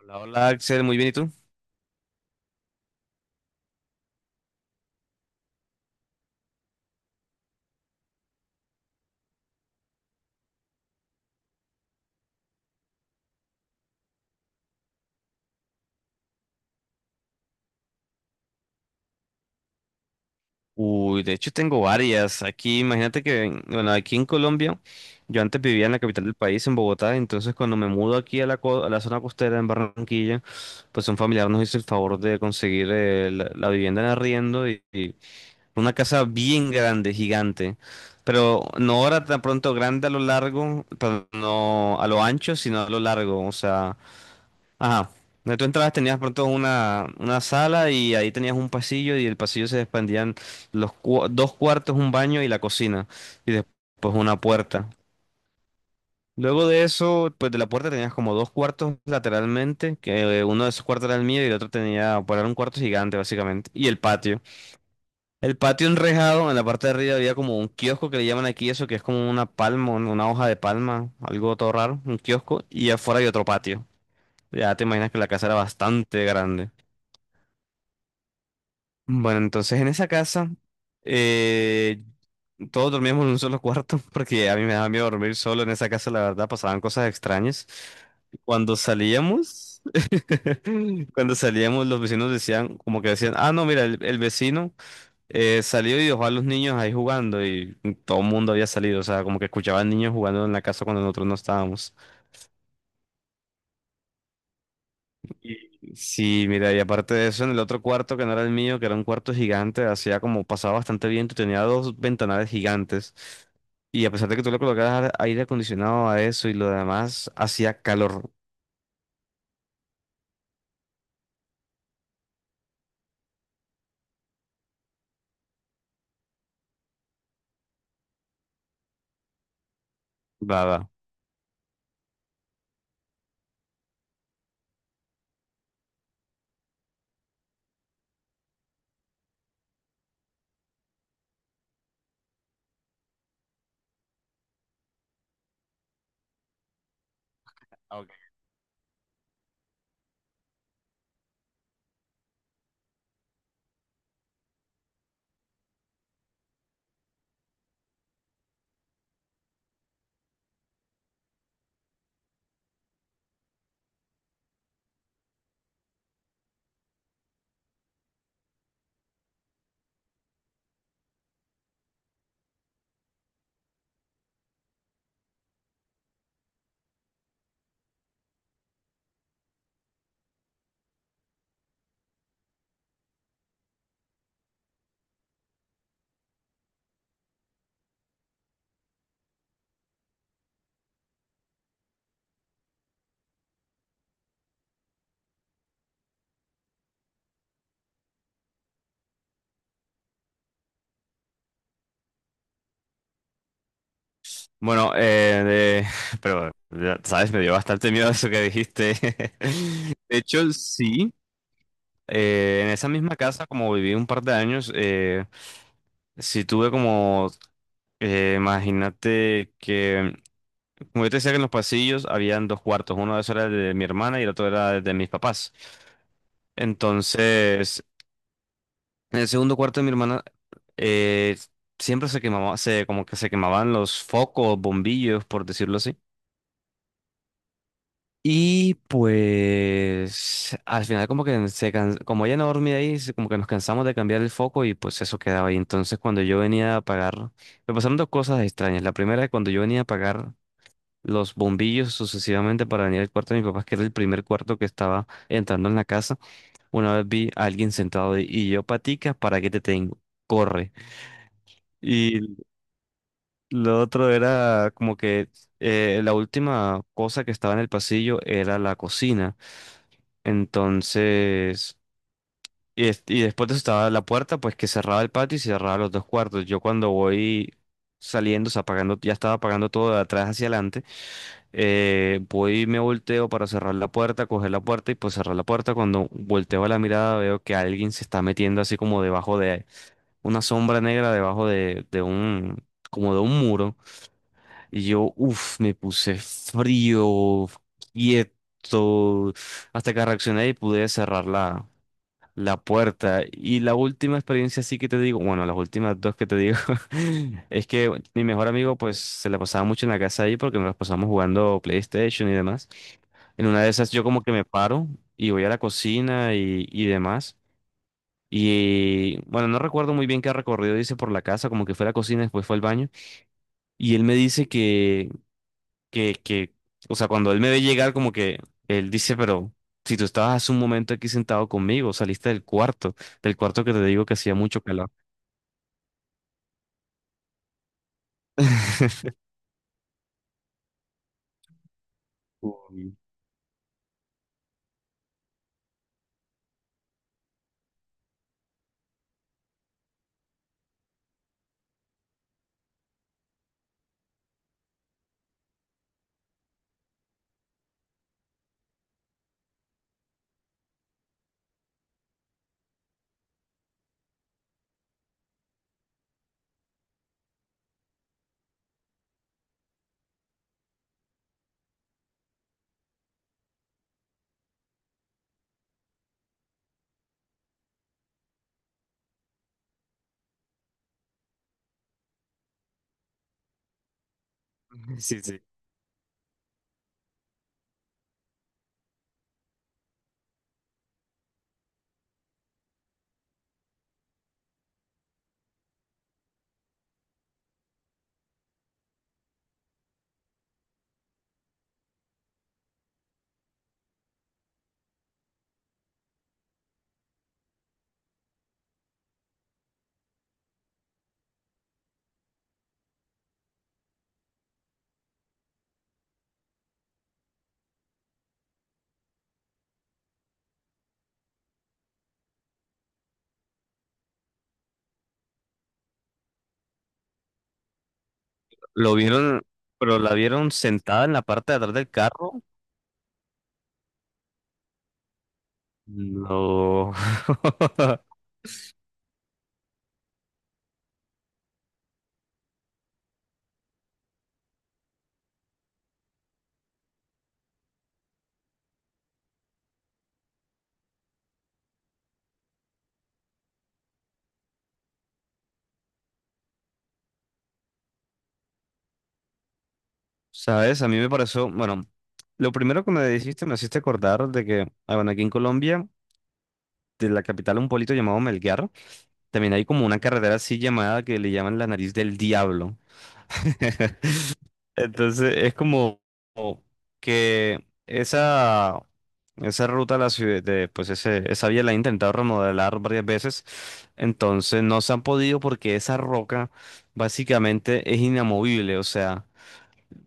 Hola, hola Axel, muy bien, ¿y tú? Uy, de hecho tengo varias. Aquí, imagínate que, bueno, aquí en Colombia, yo antes vivía en la capital del país, en Bogotá. Entonces cuando me mudo aquí a a la zona costera, en Barranquilla, pues un familiar nos hizo el favor de conseguir la vivienda en arriendo, y una casa bien grande, gigante, pero no ahora tan pronto grande a lo largo, pero no a lo ancho, sino a lo largo, o sea... Ajá. Donde tú entrabas tenías pronto una sala y ahí tenías un pasillo, y el pasillo se expandían dos cuartos, un baño y la cocina, y después una puerta. Luego de eso, pues de la puerta tenías como dos cuartos lateralmente, que uno de esos cuartos era el mío y el otro tenía, pues era un cuarto gigante básicamente, y el patio. El patio enrejado, en la parte de arriba había como un kiosco que le llaman aquí eso, que es como una palma, una hoja de palma, algo todo raro, un kiosco, y afuera hay otro patio. Ya te imaginas que la casa era bastante grande. Bueno, entonces en esa casa eh, todos dormíamos en un solo cuarto porque a mí me daba miedo dormir solo en esa casa, la verdad, pasaban cosas extrañas. Cuando salíamos, cuando salíamos los vecinos decían, como que decían, ah, no, mira, el vecino salió y dejó a los niños ahí jugando, y todo el mundo había salido, o sea, como que escuchaban niños jugando en la casa cuando nosotros no estábamos. Y- Sí, mira, y aparte de eso, en el otro cuarto que no era el mío, que era un cuarto gigante, hacía como pasaba bastante viento, y tenía dos ventanales gigantes. Y a pesar de que tú le colocabas aire acondicionado a eso y lo demás, hacía calor, baba. Ah, ok. Bueno, de- pero, ya ¿sabes? Me dio bastante miedo eso que dijiste. De hecho, sí, en esa misma casa, como viví un par de años, sí tuve como, imagínate que como yo te decía que en los pasillos habían dos cuartos, uno de esos era el de mi hermana y el otro era el de mis papás. Entonces, en el segundo cuarto de mi hermana eh, siempre se quemaba, se, como que se quemaban los focos, bombillos, por decirlo así. Y pues al final como ella no dormía ahí, como que nos cansamos de cambiar el foco y pues eso quedaba ahí. Entonces cuando yo venía a apagar, me pasaron dos cosas extrañas. La primera es cuando yo venía a apagar los bombillos sucesivamente para venir al cuarto de mis papás, que era el primer cuarto que estaba entrando en la casa. Una vez vi a alguien sentado y yo, patica, ¿para qué te tengo? Corre. Y lo otro era como que la última cosa que estaba en el pasillo era la cocina. Entonces, y después de eso estaba la puerta, pues que cerraba el patio y cerraba los dos cuartos. Yo cuando voy saliendo, o sea, apagando, ya estaba apagando todo de atrás hacia adelante. Voy y me volteo para cerrar la puerta, coger la puerta y pues cerrar la puerta. Cuando volteo la mirada veo que alguien se está metiendo así como debajo de una sombra negra, debajo de un, como de un muro. Y yo, uff, me puse frío, quieto, hasta que reaccioné y pude cerrarla la puerta. Y la última experiencia sí que te digo, bueno, las últimas dos que te digo, es que mi mejor amigo pues se la pasaba mucho en la casa ahí porque nos la pasamos jugando PlayStation y demás. En una de esas yo como que me paro y voy a la cocina, y demás. Y bueno, no recuerdo muy bien qué recorrido hice por la casa, como que fue a la cocina, después fue al baño. Y él me dice que, o sea, cuando él me ve llegar, como que él dice, pero si tú estabas hace un momento aquí sentado conmigo, saliste del cuarto que te digo que hacía mucho calor. Uy. Sí, sí. Lo vieron, pero la vieron sentada en la parte de atrás del carro. No. ¿Sabes? A mí me pareció, bueno, lo primero que me dijiste me hiciste acordar de que, ah, bueno, aquí en Colombia, de la capital, un pueblito llamado Melgar, también hay como una carretera así llamada que le llaman la nariz del diablo. Entonces es como como que esa ruta a la ciudad, de, pues esa vía la han intentado remodelar varias veces, entonces no se han podido porque esa roca básicamente es inamovible, o sea,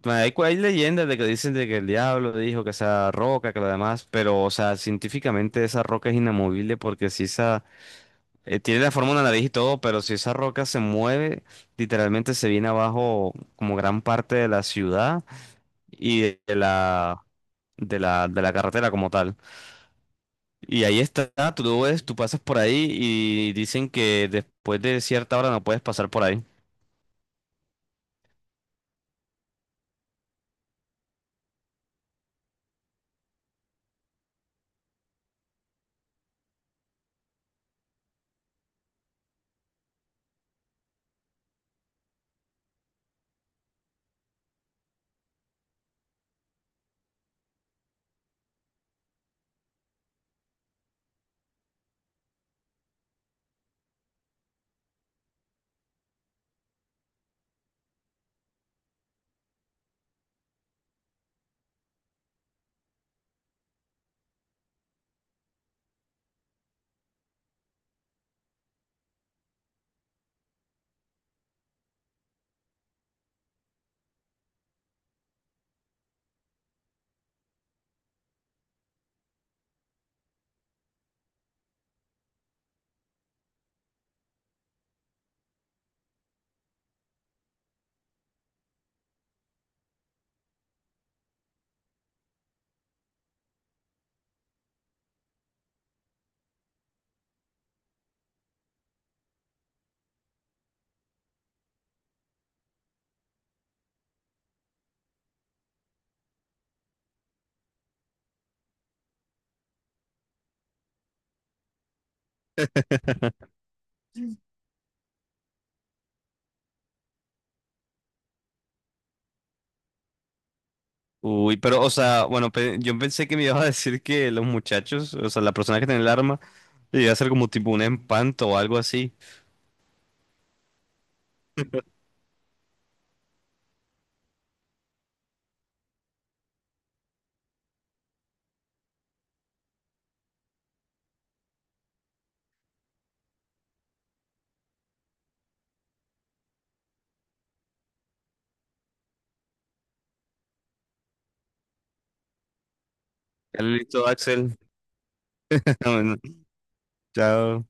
hay leyendas de que dicen de que el diablo dijo que esa roca, que lo demás, pero o sea, científicamente esa roca es inamovible porque si esa, tiene la forma de una nariz y todo, pero si esa roca se mueve, literalmente se viene abajo como gran parte de la ciudad y de la, de la carretera como tal. Y ahí está, tú lo ves, tú pasas por ahí y dicen que después de cierta hora no puedes pasar por ahí. Uy, pero, o sea, bueno, yo pensé que me ibas a decir que los muchachos, o sea, la persona que tiene el arma, iba a ser como tipo un empanto o algo así. Ya Listo, Axel. Bueno, chao.